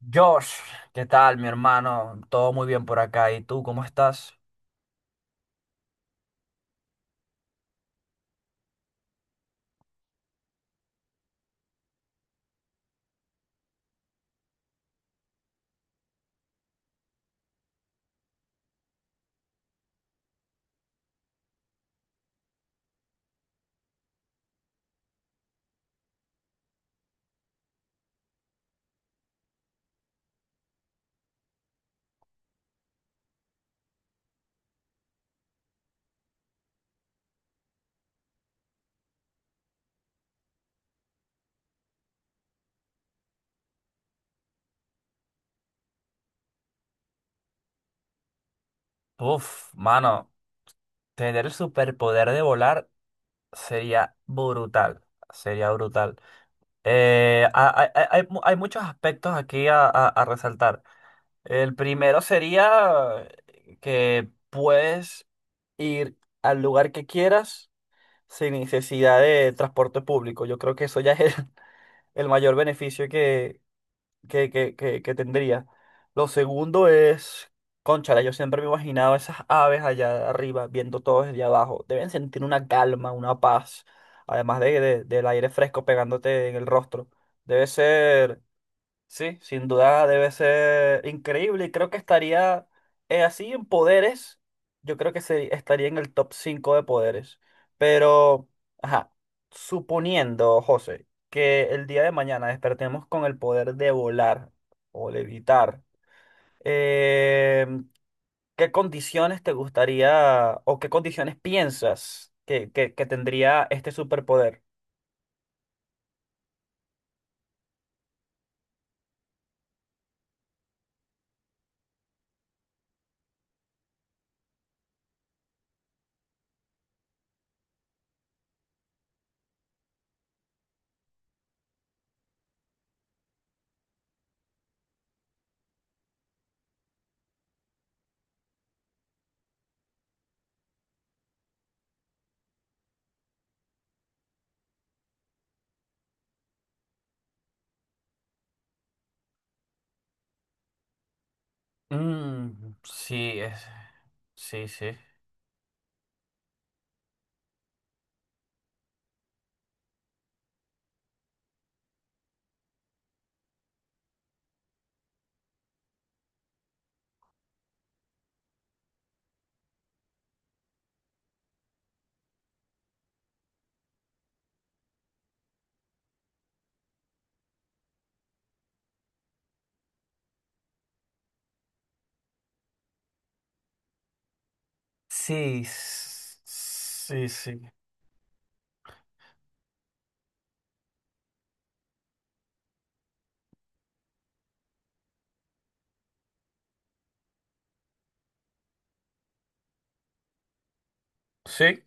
Josh, ¿qué tal, mi hermano? Todo muy bien por acá. ¿Y tú, cómo estás? Uf, mano, tener el superpoder de volar sería brutal. Sería brutal. Hay, hay muchos aspectos aquí a, a resaltar. El primero sería que puedes ir al lugar que quieras sin necesidad de transporte público. Yo creo que eso ya es el mayor beneficio que tendría. Lo segundo es, cónchale, yo siempre me imaginaba esas aves allá arriba, viendo todo desde abajo. Deben sentir una calma, una paz, además de, del aire fresco pegándote en el rostro. Debe ser. Sí, sin duda debe ser increíble y creo que estaría así en poderes. Yo creo que estaría en el top 5 de poderes. Pero, ajá, suponiendo, José, que el día de mañana despertemos con el poder de volar o levitar, eh, ¿qué condiciones te gustaría o qué condiciones piensas que tendría este superpoder? Sí, es... Sí, sí. Sí, sí, sí. Sí,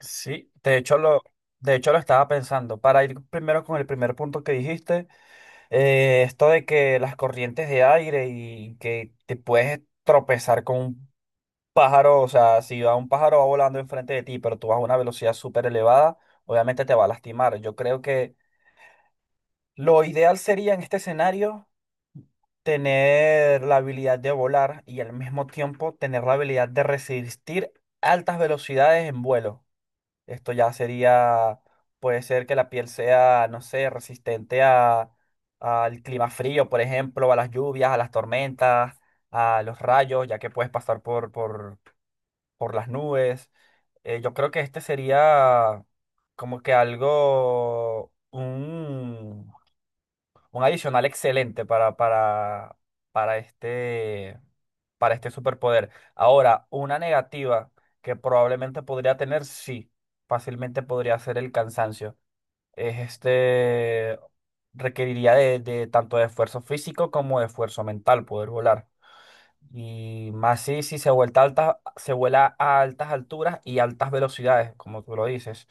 sí. De hecho, de hecho, lo estaba pensando. Para ir primero con el primer punto que dijiste, esto de que las corrientes de aire y que te puedes tropezar con un pájaro, o sea, si va un pájaro va volando enfrente de ti, pero tú vas a una velocidad súper elevada, obviamente te va a lastimar. Yo creo que lo ideal sería en este escenario. Tener la habilidad de volar y al mismo tiempo tener la habilidad de resistir altas velocidades en vuelo. Esto ya sería, puede ser que la piel sea, no sé, resistente a, al clima frío, por ejemplo, a las lluvias, a las tormentas, a los rayos, ya que puedes pasar por las nubes. Yo creo que este sería como que algo, un adicional excelente para este, para este superpoder. Ahora, una negativa que probablemente podría tener, sí, fácilmente podría ser el cansancio. Es este, requeriría de tanto de esfuerzo físico como de esfuerzo mental poder volar. Y más si, si se vuelta alta, se vuela a altas alturas y altas velocidades, como tú lo dices.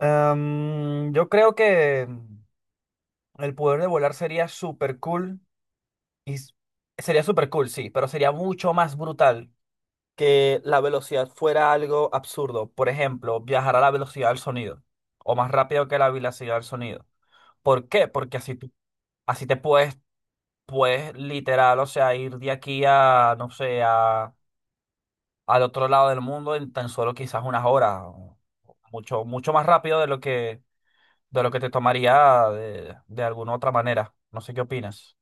Yo creo que el poder de volar sería súper cool y s- sería súper cool, sí, pero sería mucho más brutal que la velocidad fuera algo absurdo. Por ejemplo, viajar a la velocidad del sonido o más rápido que la velocidad del sonido. ¿Por qué? Porque así, así puedes literal, o sea, ir de aquí no sé, a, al otro lado del mundo en tan solo quizás unas horas. O Mucho, mucho más rápido de lo que te tomaría de alguna otra manera. No sé qué opinas.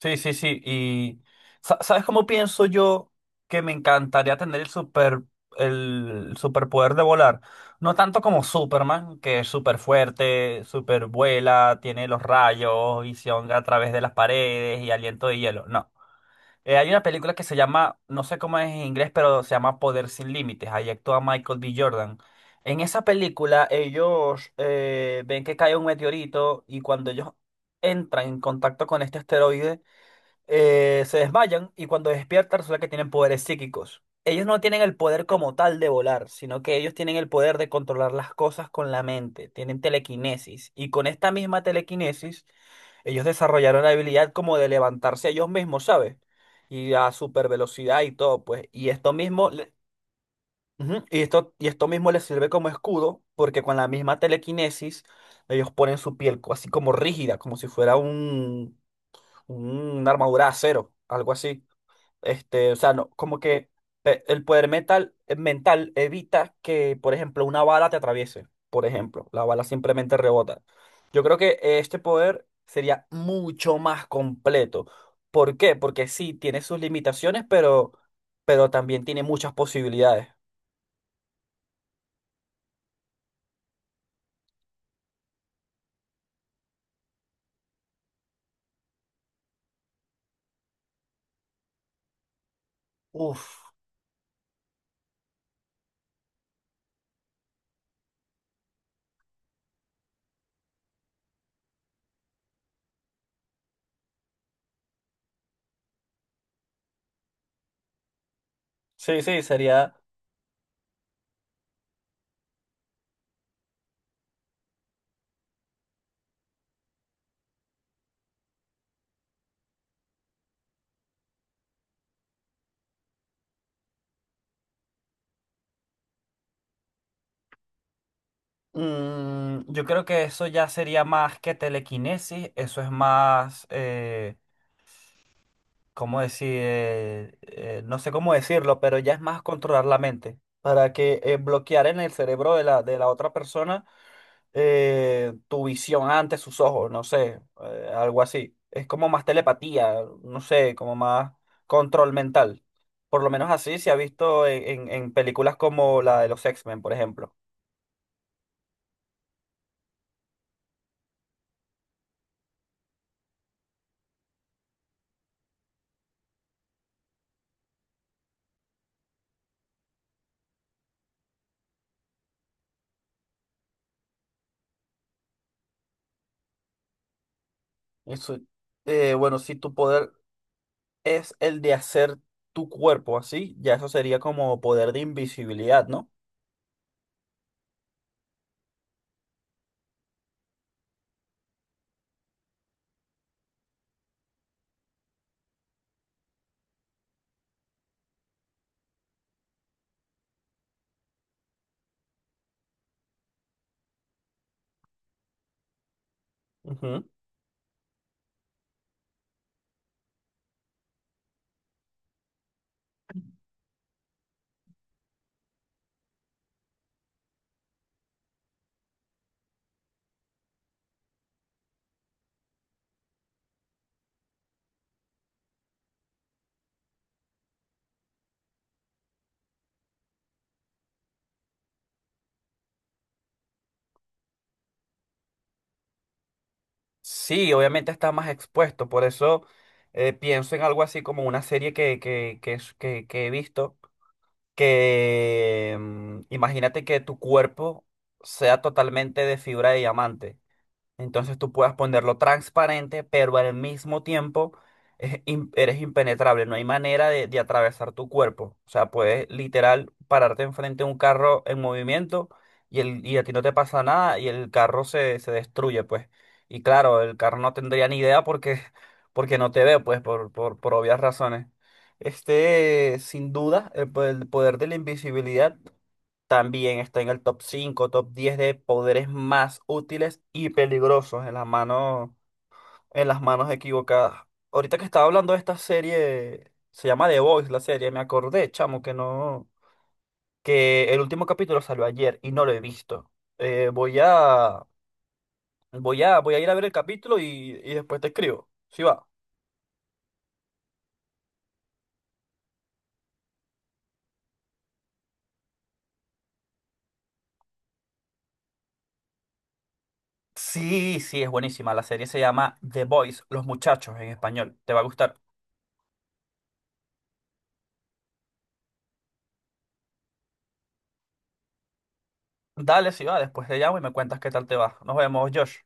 Sí, sí, sí. Y ¿sabes cómo pienso yo que me encantaría tener el superpoder de volar? No tanto como Superman, que es súper fuerte, súper vuela, tiene los rayos, visión a través de las paredes y aliento de hielo. No. Hay una película que se llama, no sé cómo es en inglés, pero se llama Poder sin Límites. Ahí actúa Michael B. Jordan. En esa película ellos ven que cae un meteorito y cuando ellos entran en contacto con este asteroide se desmayan y cuando despiertan resulta que tienen poderes psíquicos. Ellos no tienen el poder como tal de volar, sino que ellos tienen el poder de controlar las cosas con la mente, tienen telequinesis y con esta misma telequinesis ellos desarrollaron la habilidad como de levantarse ellos mismos, ¿sabes? Y a super velocidad y todo, pues. Y esto mismo, ujú, y esto mismo les sirve como escudo porque con la misma telequinesis ellos ponen su piel así como rígida, como si fuera un una armadura de acero, algo así. Este, o sea, no, como que mental evita que, por ejemplo, una bala te atraviese. Por ejemplo, la bala simplemente rebota. Yo creo que este poder sería mucho más completo. ¿Por qué? Porque sí, tiene sus limitaciones, pero también tiene muchas posibilidades. Uf, sí, sí, sería... Mm, yo creo que eso ya sería más que telequinesis, eso es más... ¿cómo decir? No sé cómo decirlo, pero ya es más controlar la mente para que bloquear en el cerebro de de la otra persona tu visión ante sus ojos, no sé, algo así. Es como más telepatía, no sé, como más control mental. Por lo menos así se ha visto en, en películas como la de los X-Men, por ejemplo. Y bueno, si tu poder es el de hacer tu cuerpo así, ya eso sería como poder de invisibilidad, ¿no? Sí, obviamente está más expuesto, por eso pienso en algo así como una serie que he visto, que imagínate que tu cuerpo sea totalmente de fibra de diamante. Entonces tú puedas ponerlo transparente, pero al mismo tiempo eres impenetrable. No hay manera de atravesar tu cuerpo. O sea, puedes literal pararte enfrente de un carro en movimiento y a ti no te pasa nada y el carro se destruye, pues. Y claro, el carro no tendría ni idea porque, porque no te ve, pues, por obvias razones. Este, sin duda, el poder de la invisibilidad también está en el top 5, top 10 de poderes más útiles y peligrosos en las manos equivocadas. Ahorita que estaba hablando de esta serie, se llama The Voice la serie, me acordé, chamo, que no, que el último capítulo salió ayer y no lo he visto. Eh, voy a, voy a ir a ver el capítulo y después te escribo. Sí va. Sí, sí, es buenísima. La serie se llama The Boys, Los Muchachos en español. Te va a gustar. Dale, si va, después te llamo y me cuentas qué tal te va. Nos vemos, Josh.